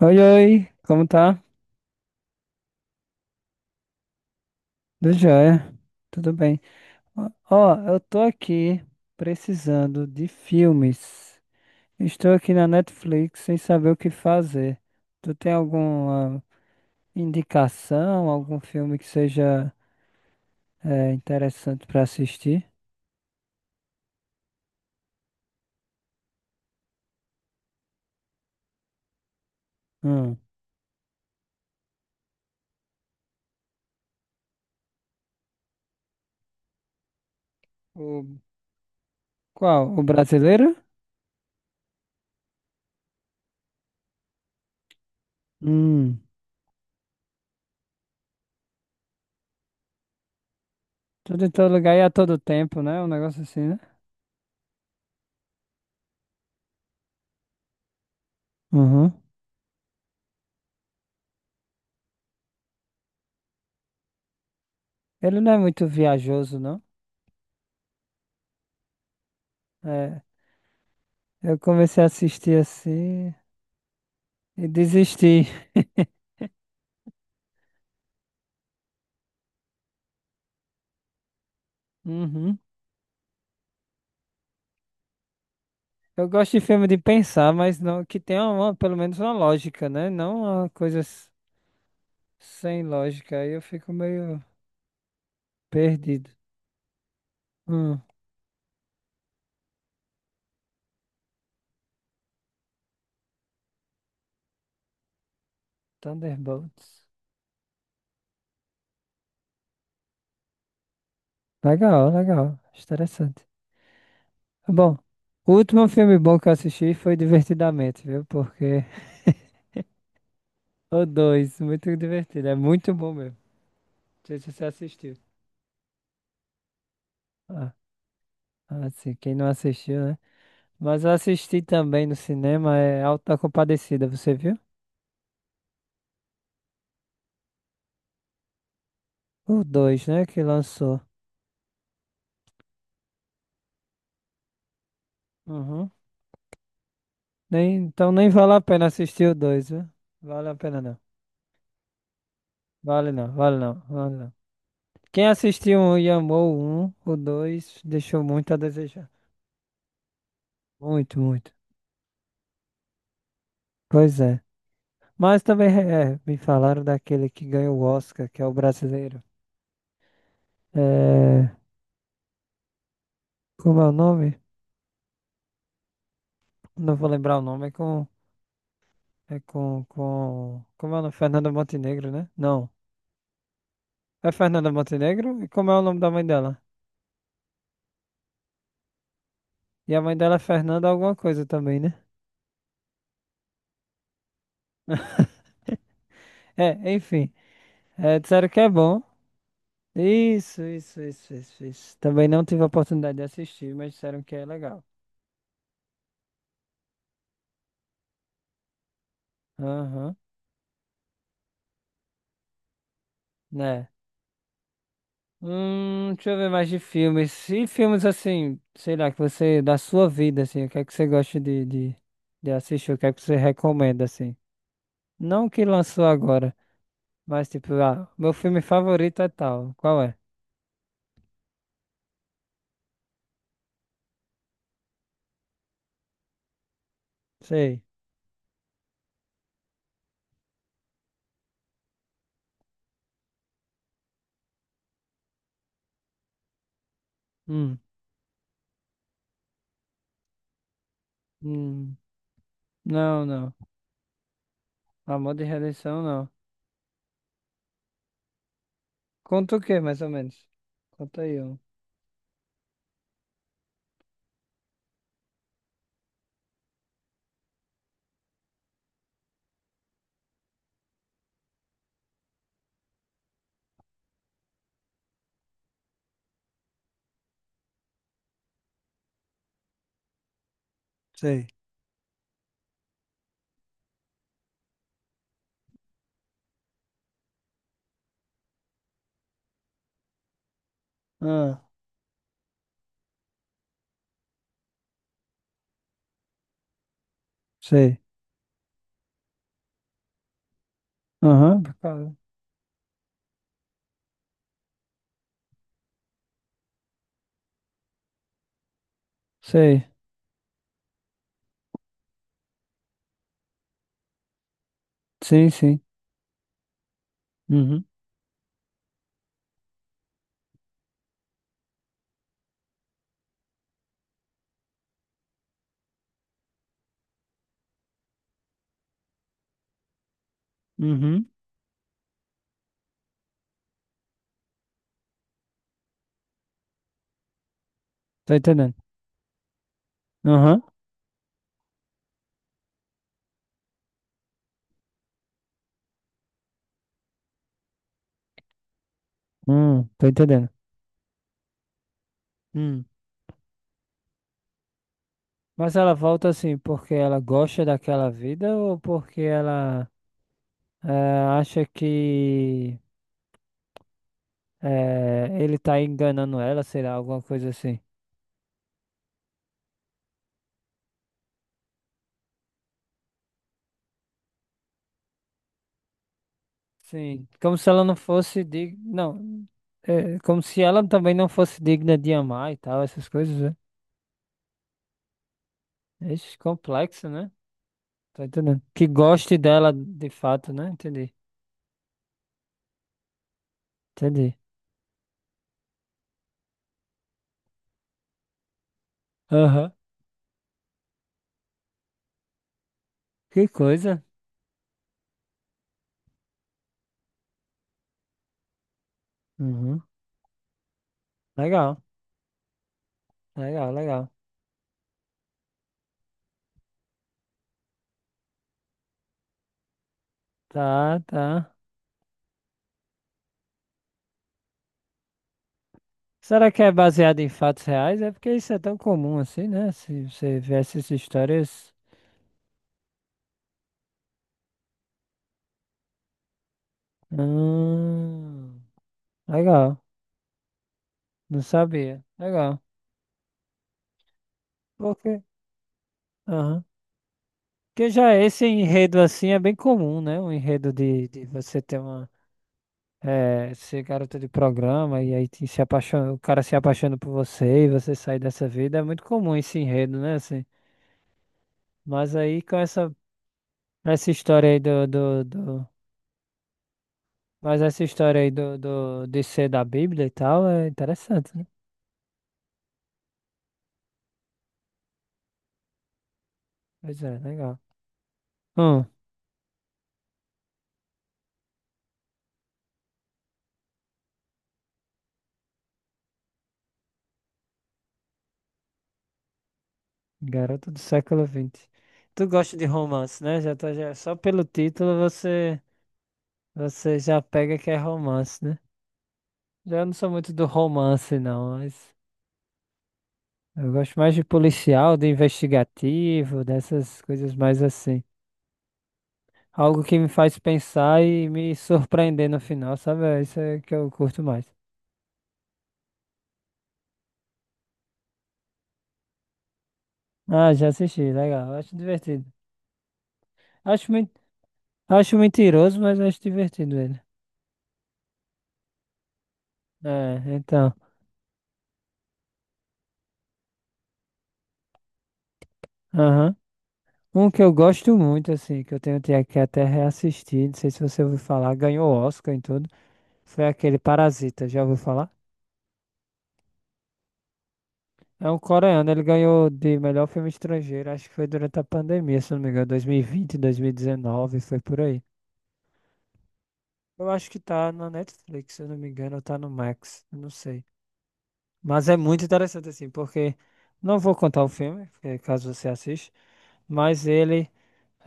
Oi, oi, como tá? Do joia, tudo bem. Ó, ó, eu tô aqui precisando de filmes. Estou aqui na Netflix sem saber o que fazer. Tu tem alguma indicação, algum filme que seja interessante pra assistir? Hum. O, qual? O brasileiro? Hum. Tudo em todo lugar e a todo tempo, né? Um negócio assim, né? Uhum. Ele não é muito viajoso, não? É, eu comecei a assistir assim. E desistir. Uhum. Eu gosto de filme de pensar, mas não que tenha uma, pelo menos uma lógica, né? Não uma coisa sem lógica. Aí eu fico meio perdido. Hum, Thunderbolts. Legal, legal. Interessante. Tá bom, o último filme bom que eu assisti foi Divertidamente, viu? Porque o dois, muito divertido. É muito bom mesmo. Não sei se você assistiu. Ah, assim, quem não assistiu, né? Mas eu assisti também no cinema, é Auto da Compadecida, você viu? O 2 né? Que lançou. Uhum. Nem, então nem vale a pena assistir o 2 viu? Vale a pena não. Vale não, vale não, vale não. Quem assistiu um e amou o 1, o 2 deixou muito a desejar. Muito, muito. Pois é. Mas também me falaram daquele que ganhou o Oscar, que é o brasileiro. É, como é o nome? Não vou lembrar o nome. É com. É com. Com como é o nome? Fernanda Montenegro, né? Não. É Fernanda Montenegro? E como é o nome da mãe dela? E a mãe dela é Fernanda alguma coisa também, né? É, enfim. É, disseram que é bom. Isso, isso, isso, isso, isso. Também não tive a oportunidade de assistir, mas disseram que é legal. Aham, né? Deixa eu ver mais de filmes. E filmes assim, sei lá, que você, da sua vida, assim, o que é que você gosta de assistir, o que é que você recomenda, assim. Não o que lançou agora, mas tipo, ah, meu filme favorito é tal. Qual é? Sei. Hum, hum. Não, não. Amor de Redenção, não. Conta o quê, mais ou menos? Conta aí, um. Sei. Ah, sei. Aham, por causa. Sei. Sim, sim. Uhum, uhum. Tô entendendo. Aham, tô entendendo. Hum. Mas ela volta assim porque ela gosta daquela vida ou porque ela acha que ele tá enganando ela, sei lá, alguma coisa assim. Sim, como se ela não fosse digna. Não, é como se ela também não fosse digna de amar e tal, essas coisas, né? Ixi, complexo, né? Tô entendendo. Que goste dela de fato, né? Entendi. Entendi. Aham. Que coisa. Uhum. Legal, legal, legal. Tá, tá. Será que é baseado em fatos reais? É porque isso é tão comum assim, né? Se você vê essas histórias. Hum, legal. Não sabia. Legal. Porque. Aham. Porque já esse enredo assim é bem comum, né? Um enredo de você ter uma. É, ser garota de programa e aí se apaixona, o cara se apaixona por você e você sai dessa vida. É muito comum esse enredo, né? Assim. Mas aí com essa, essa história aí do, do, do- Mas essa história aí de ser da Bíblia e tal é interessante, né? Pois é, legal. Hum, garota do século 20. Tu gosta de romance, né? Já tá, já, só pelo título você, você já pega que é romance, né? Já não sou muito do romance, não, mas. Eu gosto mais de policial, de investigativo, dessas coisas mais assim. Algo que me faz pensar e me surpreender no final, sabe? É isso é que eu curto mais. Ah, já assisti, legal. Acho divertido. Acho, men- acho mentiroso, mas acho divertido ele. É, então. Aham. Um que eu gosto muito, assim, que eu que até reassistir, não sei se você ouviu falar, ganhou Oscar em tudo, foi aquele Parasita, já ouviu falar? É um coreano, ele ganhou de melhor filme estrangeiro, acho que foi durante a pandemia, se não me engano, 2020, 2019, foi por aí. Eu acho que tá na Netflix, se eu não me engano, ou tá no Max, eu não sei. Mas é muito interessante assim, porque não vou contar o filme, porque caso você assista, mas ele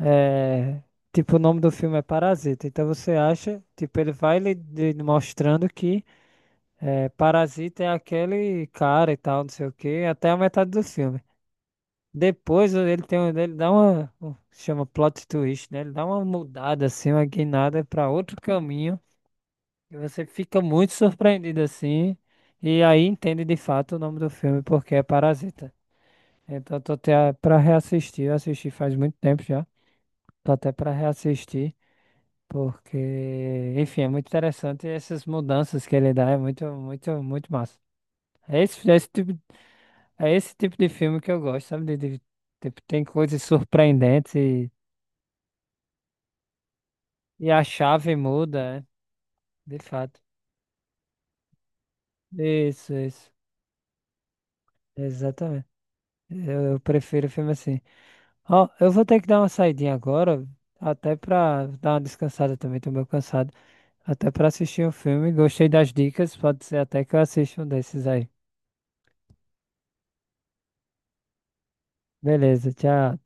é, tipo, o nome do filme é Parasita. Então você acha, tipo, ele vai lhe mostrando que Parasita é aquele cara e tal, não sei o quê, até a metade do filme. Depois ele tem, ele dá uma, chama plot twist, né? Ele dá uma mudada assim, uma guinada para outro caminho e você fica muito surpreendido assim e aí entende de fato o nome do filme porque é Parasita. Então eu tô até para reassistir, eu assisti faz muito tempo já. Tô até para reassistir porque, enfim, é muito interessante essas mudanças que ele dá, é muito massa. É esse, é esse tipo, é esse tipo de filme que eu gosto, sabe? Tipo, tem coisas surpreendentes. E a chave muda, é, de fato. Isso, isso. Exatamente. Eu prefiro filme assim. Ó, eu vou ter que dar uma saidinha agora, até pra dar uma descansada também, tô meio cansado. Até pra assistir um filme. Gostei das dicas, pode ser até que eu assista um desses aí. Beleza, tchau.